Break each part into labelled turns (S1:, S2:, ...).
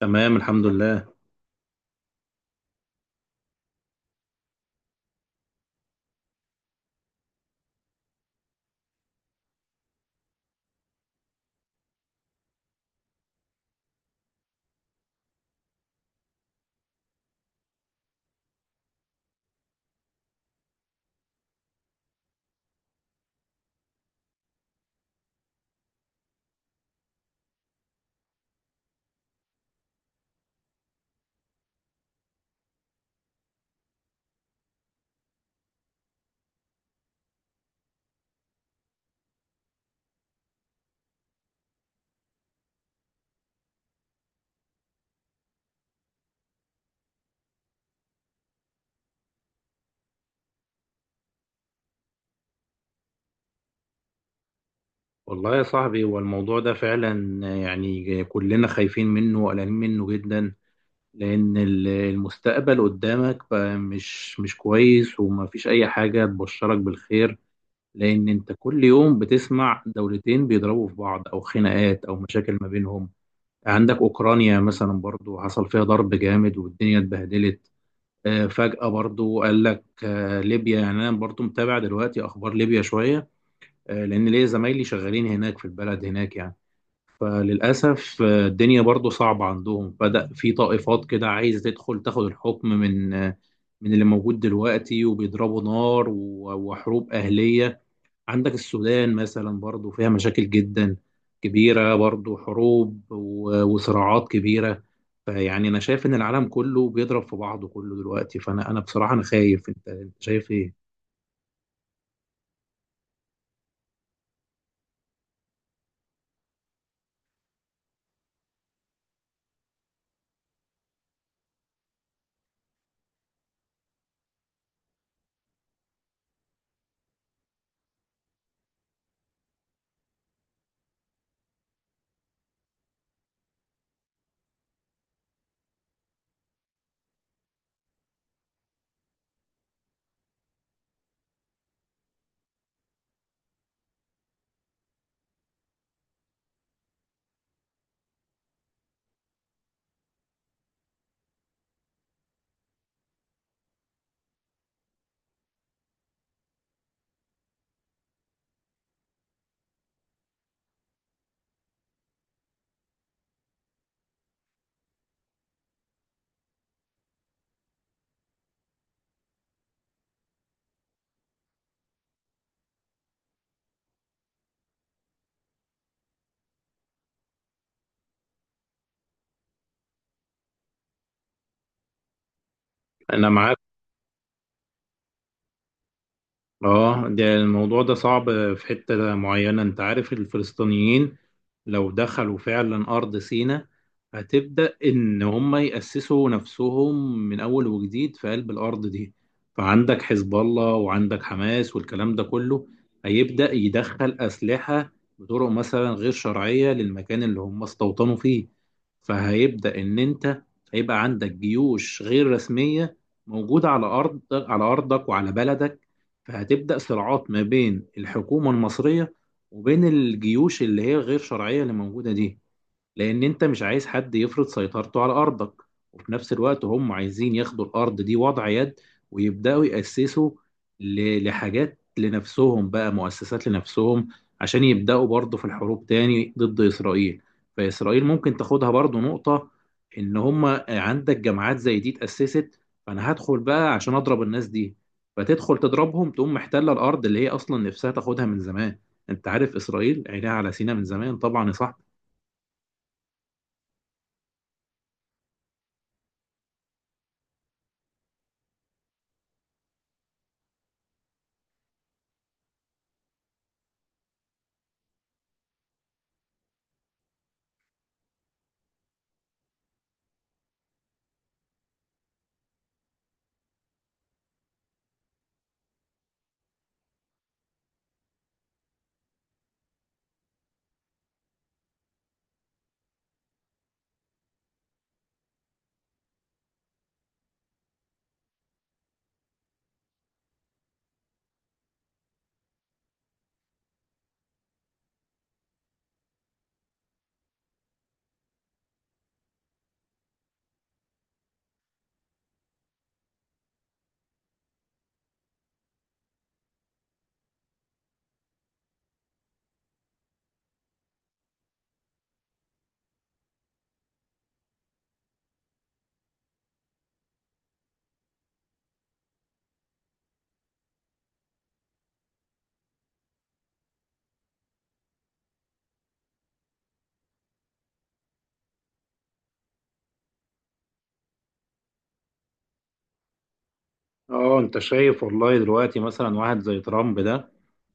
S1: تمام، الحمد لله. والله يا صاحبي، هو الموضوع ده فعلا، يعني كلنا خايفين منه وقلقانين منه جدا. لأن المستقبل قدامك بقى مش كويس، ومفيش أي حاجة تبشرك بالخير. لأن أنت كل يوم بتسمع دولتين بيضربوا في بعض، أو خناقات أو مشاكل ما بينهم. عندك أوكرانيا مثلا، برضو حصل فيها ضرب جامد والدنيا اتبهدلت. فجأة برضو قال لك، ليبيا، يعني أنا برضو متابع دلوقتي أخبار ليبيا شوية، لان ليا زمايلي شغالين هناك في البلد هناك يعني. فللاسف الدنيا برضو صعبه عندهم، بدا في طائفات كده عايزه تدخل تاخد الحكم من من اللي موجود دلوقتي، وبيضربوا نار وحروب اهليه. عندك السودان مثلا برضو فيها مشاكل جدا كبيره، برضو حروب وصراعات كبيره. فيعني انا شايف ان العالم كله بيضرب في بعضه كله دلوقتي، فانا بصراحه انا خايف. انت شايف ايه؟ انا معاك. اه، ده الموضوع ده صعب في حتة معينة. انت عارف الفلسطينيين لو دخلوا فعلا أرض سيناء، هتبدأ إن هم يأسسوا نفسهم من أول وجديد في قلب الأرض دي. فعندك حزب الله وعندك حماس والكلام ده كله، هيبدأ يدخل أسلحة بطرق مثلا غير شرعية للمكان اللي هم استوطنوا فيه. فهيبدأ إن أنت هيبقى عندك جيوش غير رسمية موجودة على أرض، على أرضك وعلى بلدك. فهتبدأ صراعات ما بين الحكومة المصرية وبين الجيوش اللي هي غير شرعية اللي موجودة دي. لان انت مش عايز حد يفرض سيطرته على ارضك، وفي نفس الوقت هم عايزين ياخدوا الارض دي وضع يد، ويبداوا ياسسوا لحاجات لنفسهم، بقى مؤسسات لنفسهم، عشان يبداوا برضه في الحروب تاني ضد اسرائيل. فاسرائيل ممكن تاخدها برضه نقطة ان هم عندك جماعات زي دي اتاسست، فانا هدخل بقى عشان اضرب الناس دي. فتدخل تضربهم، تقوم محتلة الارض اللي هي اصلا نفسها تاخدها من زمان. انت عارف اسرائيل عينيها على سينا من زمان طبعا يا صاحبي. اه، انت شايف والله دلوقتي مثلا واحد زي ترامب ده،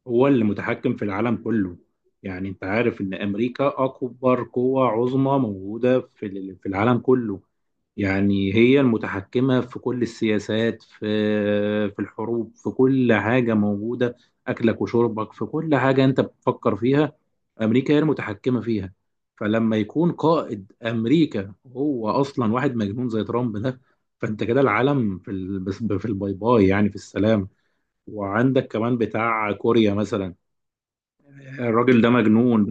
S1: هو اللي متحكم في العالم كله. يعني انت عارف ان امريكا اكبر قوة عظمى موجودة في في العالم كله. يعني هي المتحكمة في كل السياسات، في في الحروب، في كل حاجة موجودة، اكلك وشربك، في كل حاجة انت بتفكر فيها، امريكا هي المتحكمه فيها. فلما يكون قائد امريكا هو اصلا واحد مجنون زي ترامب ده، فانت كده العالم في في الباي باي، يعني في السلام. وعندك كمان بتاع كوريا مثلا، الراجل ده مجنون.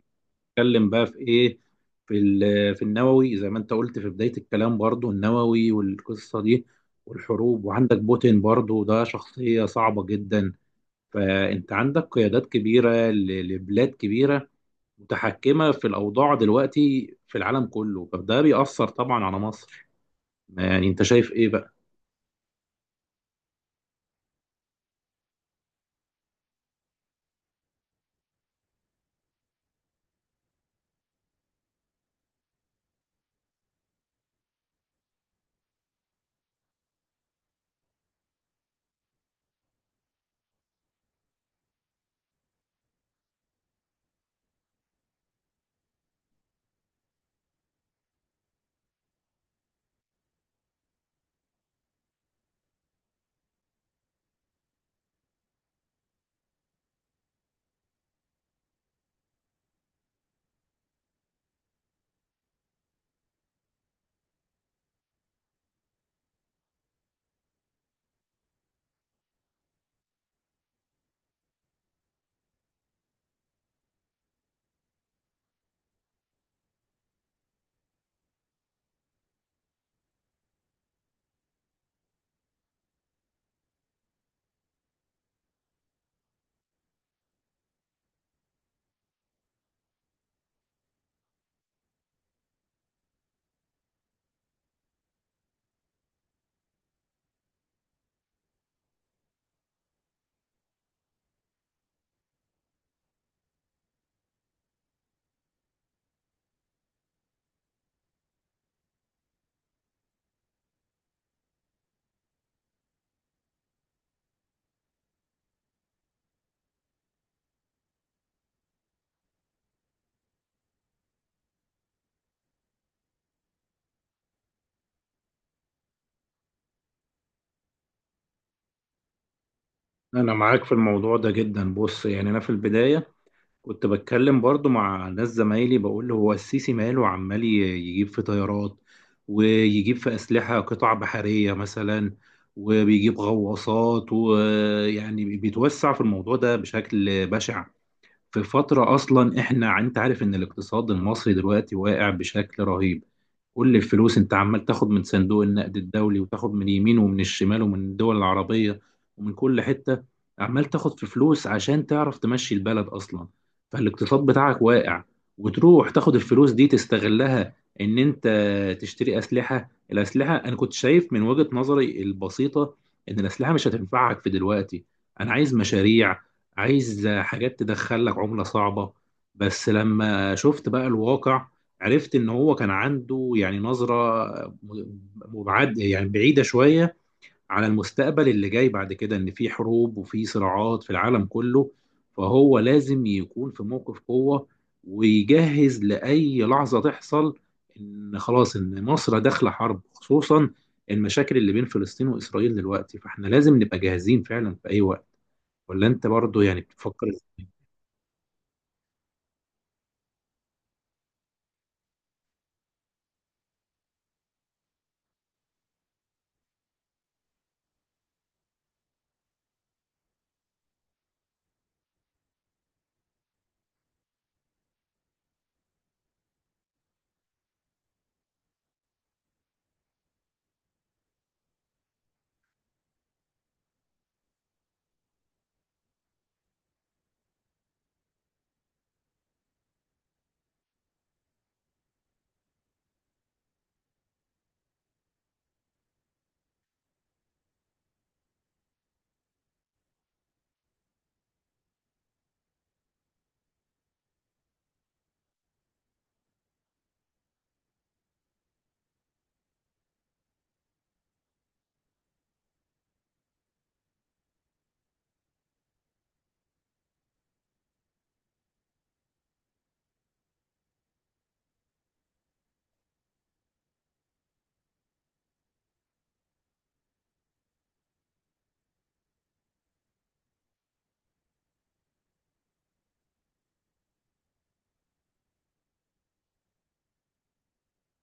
S1: بيتكلم بقى في ايه؟ في ال... في النووي، زي ما انت قلت في بدايه الكلام، برضو النووي والقصه دي والحروب. وعندك بوتين برضو ده شخصيه صعبه جدا. فانت عندك قيادات كبيره لبلاد كبيره، متحكمة في الأوضاع دلوقتي في العالم كله، فده بيأثر طبعا على مصر. يعني أنت شايف إيه بقى؟ انا معاك في الموضوع ده جدا. بص، يعني انا في البدايه كنت بتكلم برضو مع ناس زمايلي، بقول له هو السيسي ماله عمال يجيب في طيارات ويجيب في اسلحه، قطع بحريه مثلا، وبيجيب غواصات، ويعني بيتوسع في الموضوع ده بشكل بشع، في فترة أصلا إحنا أنت عارف إن الاقتصاد المصري دلوقتي واقع بشكل رهيب. كل الفلوس أنت عمال تاخد من صندوق النقد الدولي، وتاخد من اليمين ومن الشمال ومن الدول العربية ومن كل حتة، عمال تاخد في فلوس عشان تعرف تمشي البلد أصلا. فالاقتصاد بتاعك واقع، وتروح تاخد الفلوس دي تستغلها إن أنت تشتري أسلحة. الأسلحة أنا كنت شايف من وجهة نظري البسيطة إن الأسلحة مش هتنفعك في دلوقتي. أنا عايز مشاريع، عايز حاجات تدخل لك عملة صعبة. بس لما شفت بقى الواقع، عرفت ان هو كان عنده يعني نظرة مبعد، يعني بعيدة شوية على المستقبل اللي جاي بعد كده، ان في حروب وفي صراعات في العالم كله. فهو لازم يكون في موقف قوة، ويجهز لأي لحظة تحصل، ان خلاص ان مصر داخلة حرب، خصوصا المشاكل اللي بين فلسطين وإسرائيل دلوقتي. فاحنا لازم نبقى جاهزين فعلا في أي وقت. ولا انت برضو يعني بتفكر ازاي؟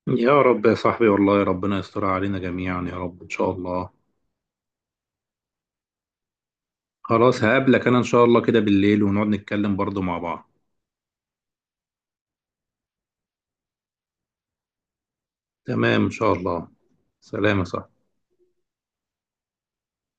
S1: يا رب يا صاحبي، والله ربنا يستر علينا جميعا يا رب ان شاء الله. خلاص، هقابلك انا ان شاء الله كده بالليل، ونقعد نتكلم برضو مع بعض. تمام ان شاء الله. سلام يا صاحبي.